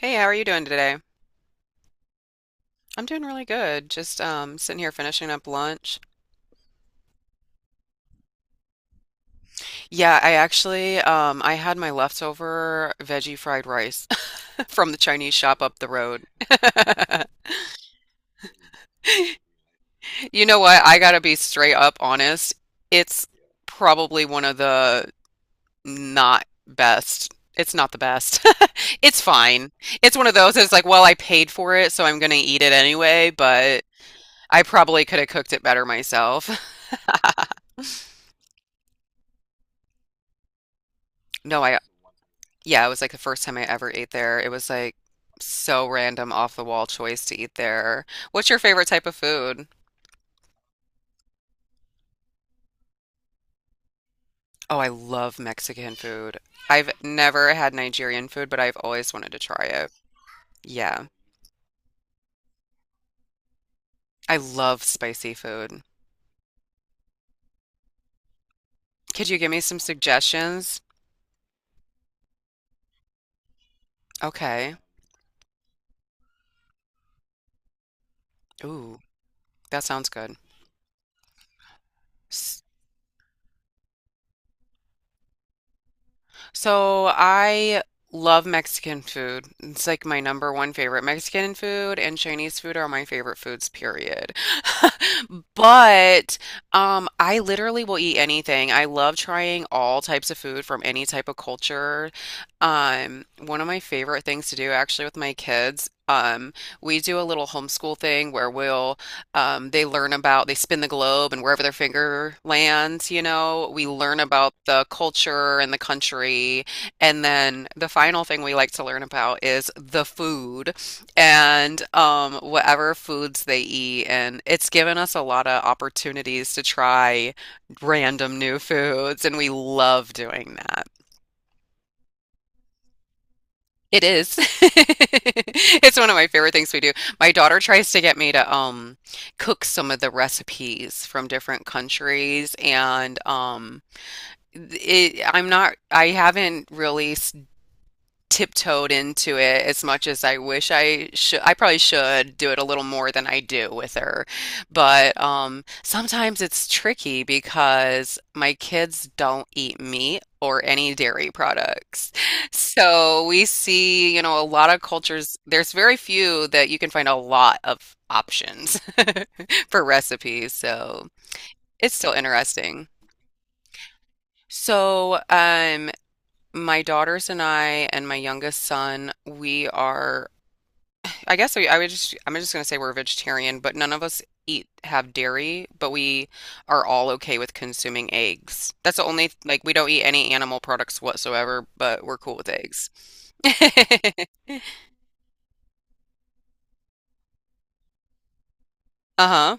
Hey, how are you doing today? I'm doing really good. Just sitting here finishing up lunch. Yeah, I actually I had my leftover veggie fried rice from the Chinese shop up the road. You know what? I gotta be straight up honest. It's probably one of the not best. It's not the best. It's fine. It's one of those that's like, well, I paid for it, so I'm gonna eat it anyway, but I probably could have cooked it better myself. No, I Yeah, it was like the first time I ever ate there. It was like so random, off the wall choice to eat there. What's your favorite type of food? Oh, I love Mexican food. I've never had Nigerian food, but I've always wanted to try it. Yeah, I love spicy food. Could you give me some suggestions? Okay. Ooh, that sounds good. So I love Mexican food. It's like my number one favorite. Mexican food and Chinese food are my favorite foods, period. But I literally will eat anything. I love trying all types of food from any type of culture. One of my favorite things to do actually with my kids, we do a little homeschool thing where we'll they learn about, they spin the globe and wherever their finger lands, you know, we learn about the culture and the country. And then the final thing we like to learn about is the food and whatever foods they eat. And it's given us a lot of opportunities to try random new foods, and we love doing that. It is. It's one of my favorite things we do. My daughter tries to get me to cook some of the recipes from different countries and it I'm not I haven't really tiptoed into it as much as I wish I should. I probably should do it a little more than I do with her. But sometimes it's tricky because my kids don't eat meat or any dairy products. So we see, you know, a lot of cultures, there's very few that you can find a lot of options for recipes. So it's still interesting. So, um, my daughters and I and my youngest son, we are I would just, I'm just going to say we're vegetarian, but none of us eat, have dairy, but we are all okay with consuming eggs. That's the only, like, we don't eat any animal products whatsoever, but we're cool with eggs. Uh-huh.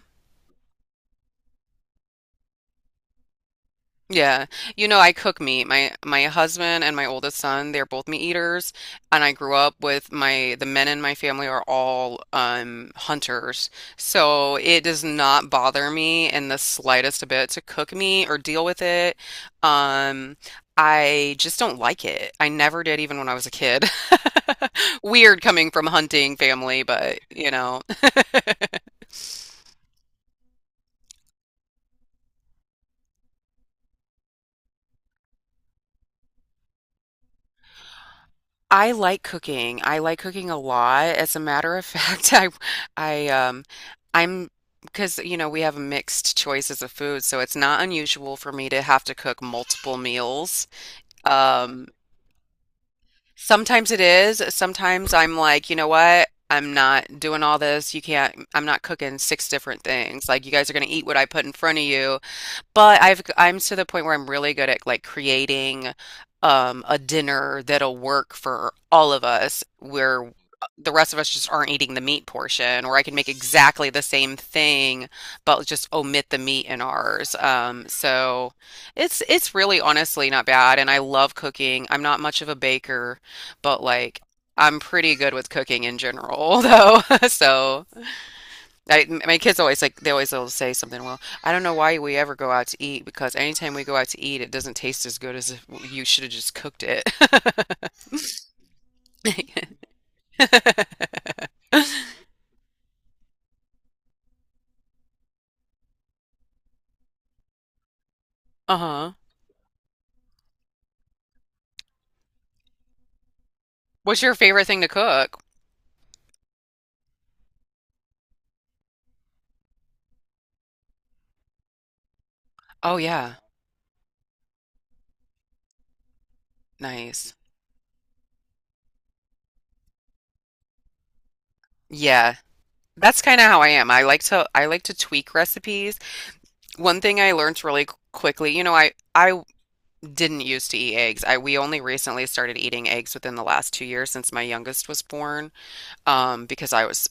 Yeah. You know, I cook meat. My husband and my oldest son, they're both meat eaters, and I grew up with my the men in my family are all hunters. So it does not bother me in the slightest bit to cook meat or deal with it. Um I just don't like it. I never did even when I was a kid. Weird coming from a hunting family, but you know. I like cooking. I like cooking a lot. As a matter of fact, I, um, I'm, because, you know, we have mixed choices of food, so it's not unusual for me to have to cook multiple meals. Um, sometimes it is. Sometimes I'm like, you know what? I'm not doing all this. You can't, I'm not cooking six different things. Like, you guys are going to eat what I put in front of you. But I'm to the point where I'm really good at like creating a dinner that'll work for all of us where the rest of us just aren't eating the meat portion, or I can make exactly the same thing but just omit the meat in ours. So it's really honestly not bad, and I love cooking. I'm not much of a baker, but like I'm pretty good with cooking in general, though. So I, my kids always like they always will say something. Well, I don't know why we ever go out to eat because anytime we go out to eat, it doesn't taste as good as if you should have just cooked it. Uh-huh. What's your favorite thing to cook? Oh yeah, nice. Yeah. That's kind of how I am. I like to tweak recipes. One thing I learned really quickly, you know, I didn't used to eat eggs. I we only recently started eating eggs within the last 2 years since my youngest was born, because I was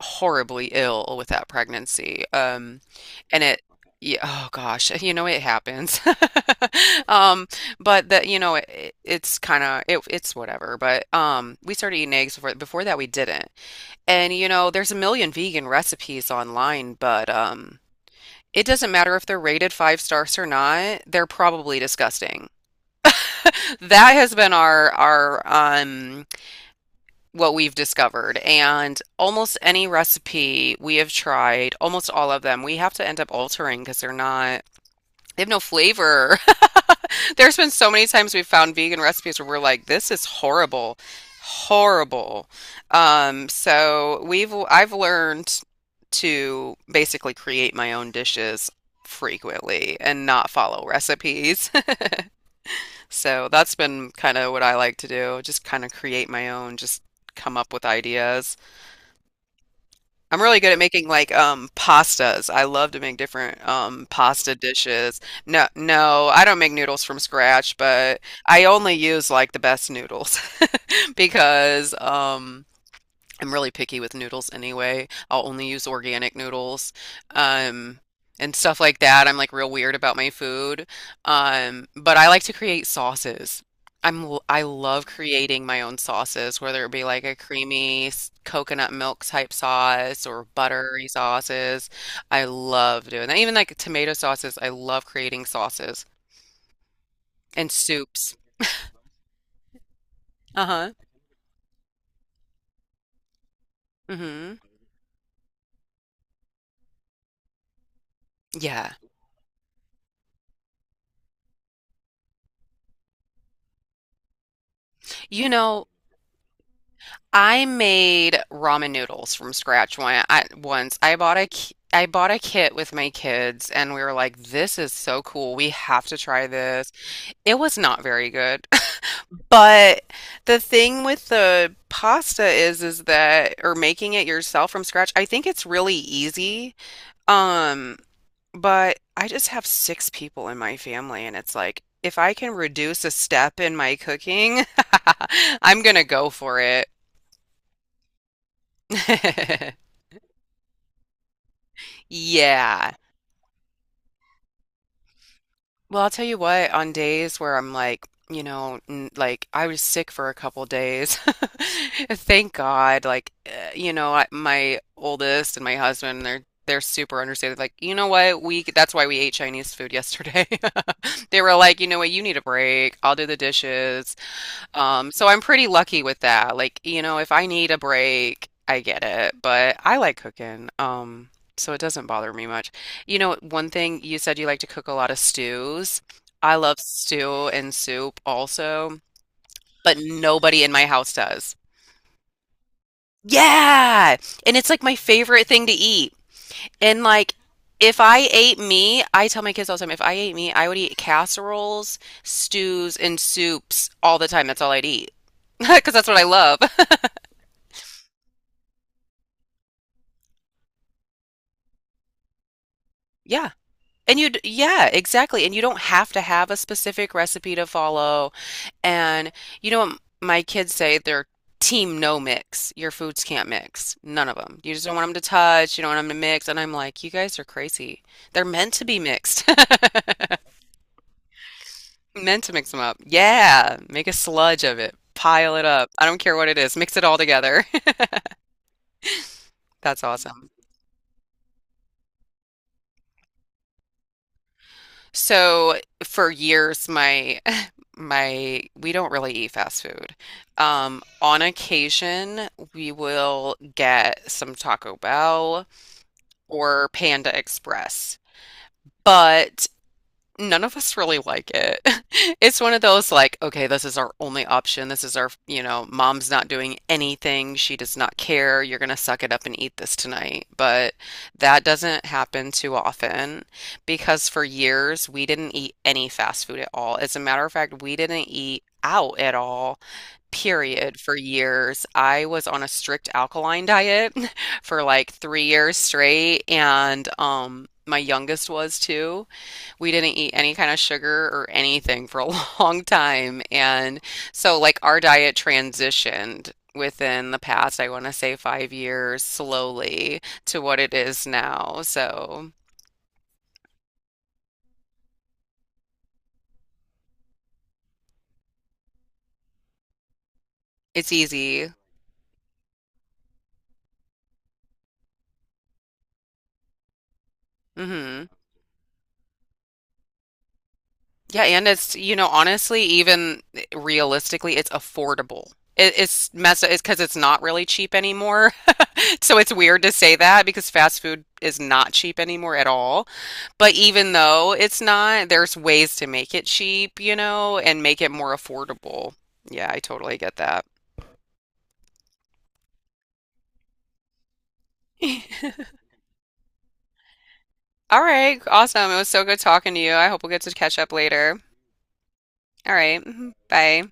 horribly ill with that pregnancy. And it, yeah, oh gosh, you know, it happens. Um, but that, you know, it, it's kind of, it, it's whatever. But we started eating eggs before that we didn't. And, you know, there's a million vegan recipes online, but it doesn't matter if they're rated five stars or not, they're probably disgusting. That has been our what we've discovered. And almost any recipe we have tried, almost all of them, we have to end up altering because they have no flavor. There's been so many times we've found vegan recipes where we're like, this is horrible, horrible. So I've learned to basically create my own dishes frequently and not follow recipes. So that's been kind of what I like to do, just kind of create my own, just come up with ideas. I'm really good at making like pastas. I love to make different pasta dishes. No, no, I don't make noodles from scratch, but I only use like the best noodles because I'm really picky with noodles anyway. I'll only use organic noodles, um, and stuff like that. I'm like real weird about my food. But I like to create sauces. I love creating my own sauces, whether it be like a creamy coconut milk type sauce or buttery sauces. I love doing that. Even like tomato sauces, I love creating sauces and soups. Uh-huh. Mm hmm. Yeah. You know, I made ramen noodles from scratch once. I bought a kit with my kids, and we were like, "This is so cool. We have to try this." It was not very good, but the thing with the pasta is that or making it yourself from scratch. I think it's really easy. Um, but I just have six people in my family, and it's like if I can reduce a step in my cooking, I'm gonna go for it. Yeah. Well, I'll tell you what, on days where I'm like, you know, n like I was sick for a couple days. Thank God. Like, you know, I, my oldest and my husband, they're super understanding. Like, you know what? That's why we ate Chinese food yesterday. They were like, you know what? You need a break. I'll do the dishes. So I'm pretty lucky with that. Like, you know, if I need a break, I get it, but I like cooking. So it doesn't bother me much. You know, one thing you said you like to cook a lot of stews. I love stew and soup also, but nobody in my house does. Yeah. And it's like my favorite thing to eat. And like if I ate meat, I tell my kids all the time, if I ate meat, I would eat casseroles, stews, and soups all the time. That's all I'd eat. Because that's what I love. Yeah, yeah, exactly, and you don't have to have a specific recipe to follow. And you know what my kids say? They're team no mix. Your foods can't mix. None of them. You just don't want them to touch. You don't want them to mix. And I'm like, you guys are crazy. They're meant to be mixed. Meant to mix them up. Yeah, make a sludge of it. Pile it up. I don't care what it is. Mix it all together. That's awesome. So for years, my we don't really eat fast food. On occasion, we will get some Taco Bell or Panda Express. But none of us really like it. It's one of those like, okay, this is our only option. This is our, you know, mom's not doing anything. She does not care. You're gonna suck it up and eat this tonight. But that doesn't happen too often because for years we didn't eat any fast food at all. As a matter of fact, we didn't eat out at all, period, for years. I was on a strict alkaline diet for like 3 years straight, and my youngest was too we didn't eat any kind of sugar or anything for a long time. And so, like, our diet transitioned within the past, I want to say 5 years, slowly to what it is now. So it's easy. Hmm. Yeah, and it's, you know, honestly, even realistically, it's affordable. It's messed up. It's because it's not really cheap anymore. So it's weird to say that because fast food is not cheap anymore at all. But even though it's not, there's ways to make it cheap, you know, and make it more affordable. Yeah, I totally get that. All right, awesome. It was so good talking to you. I hope we'll get to catch up later. All right, bye.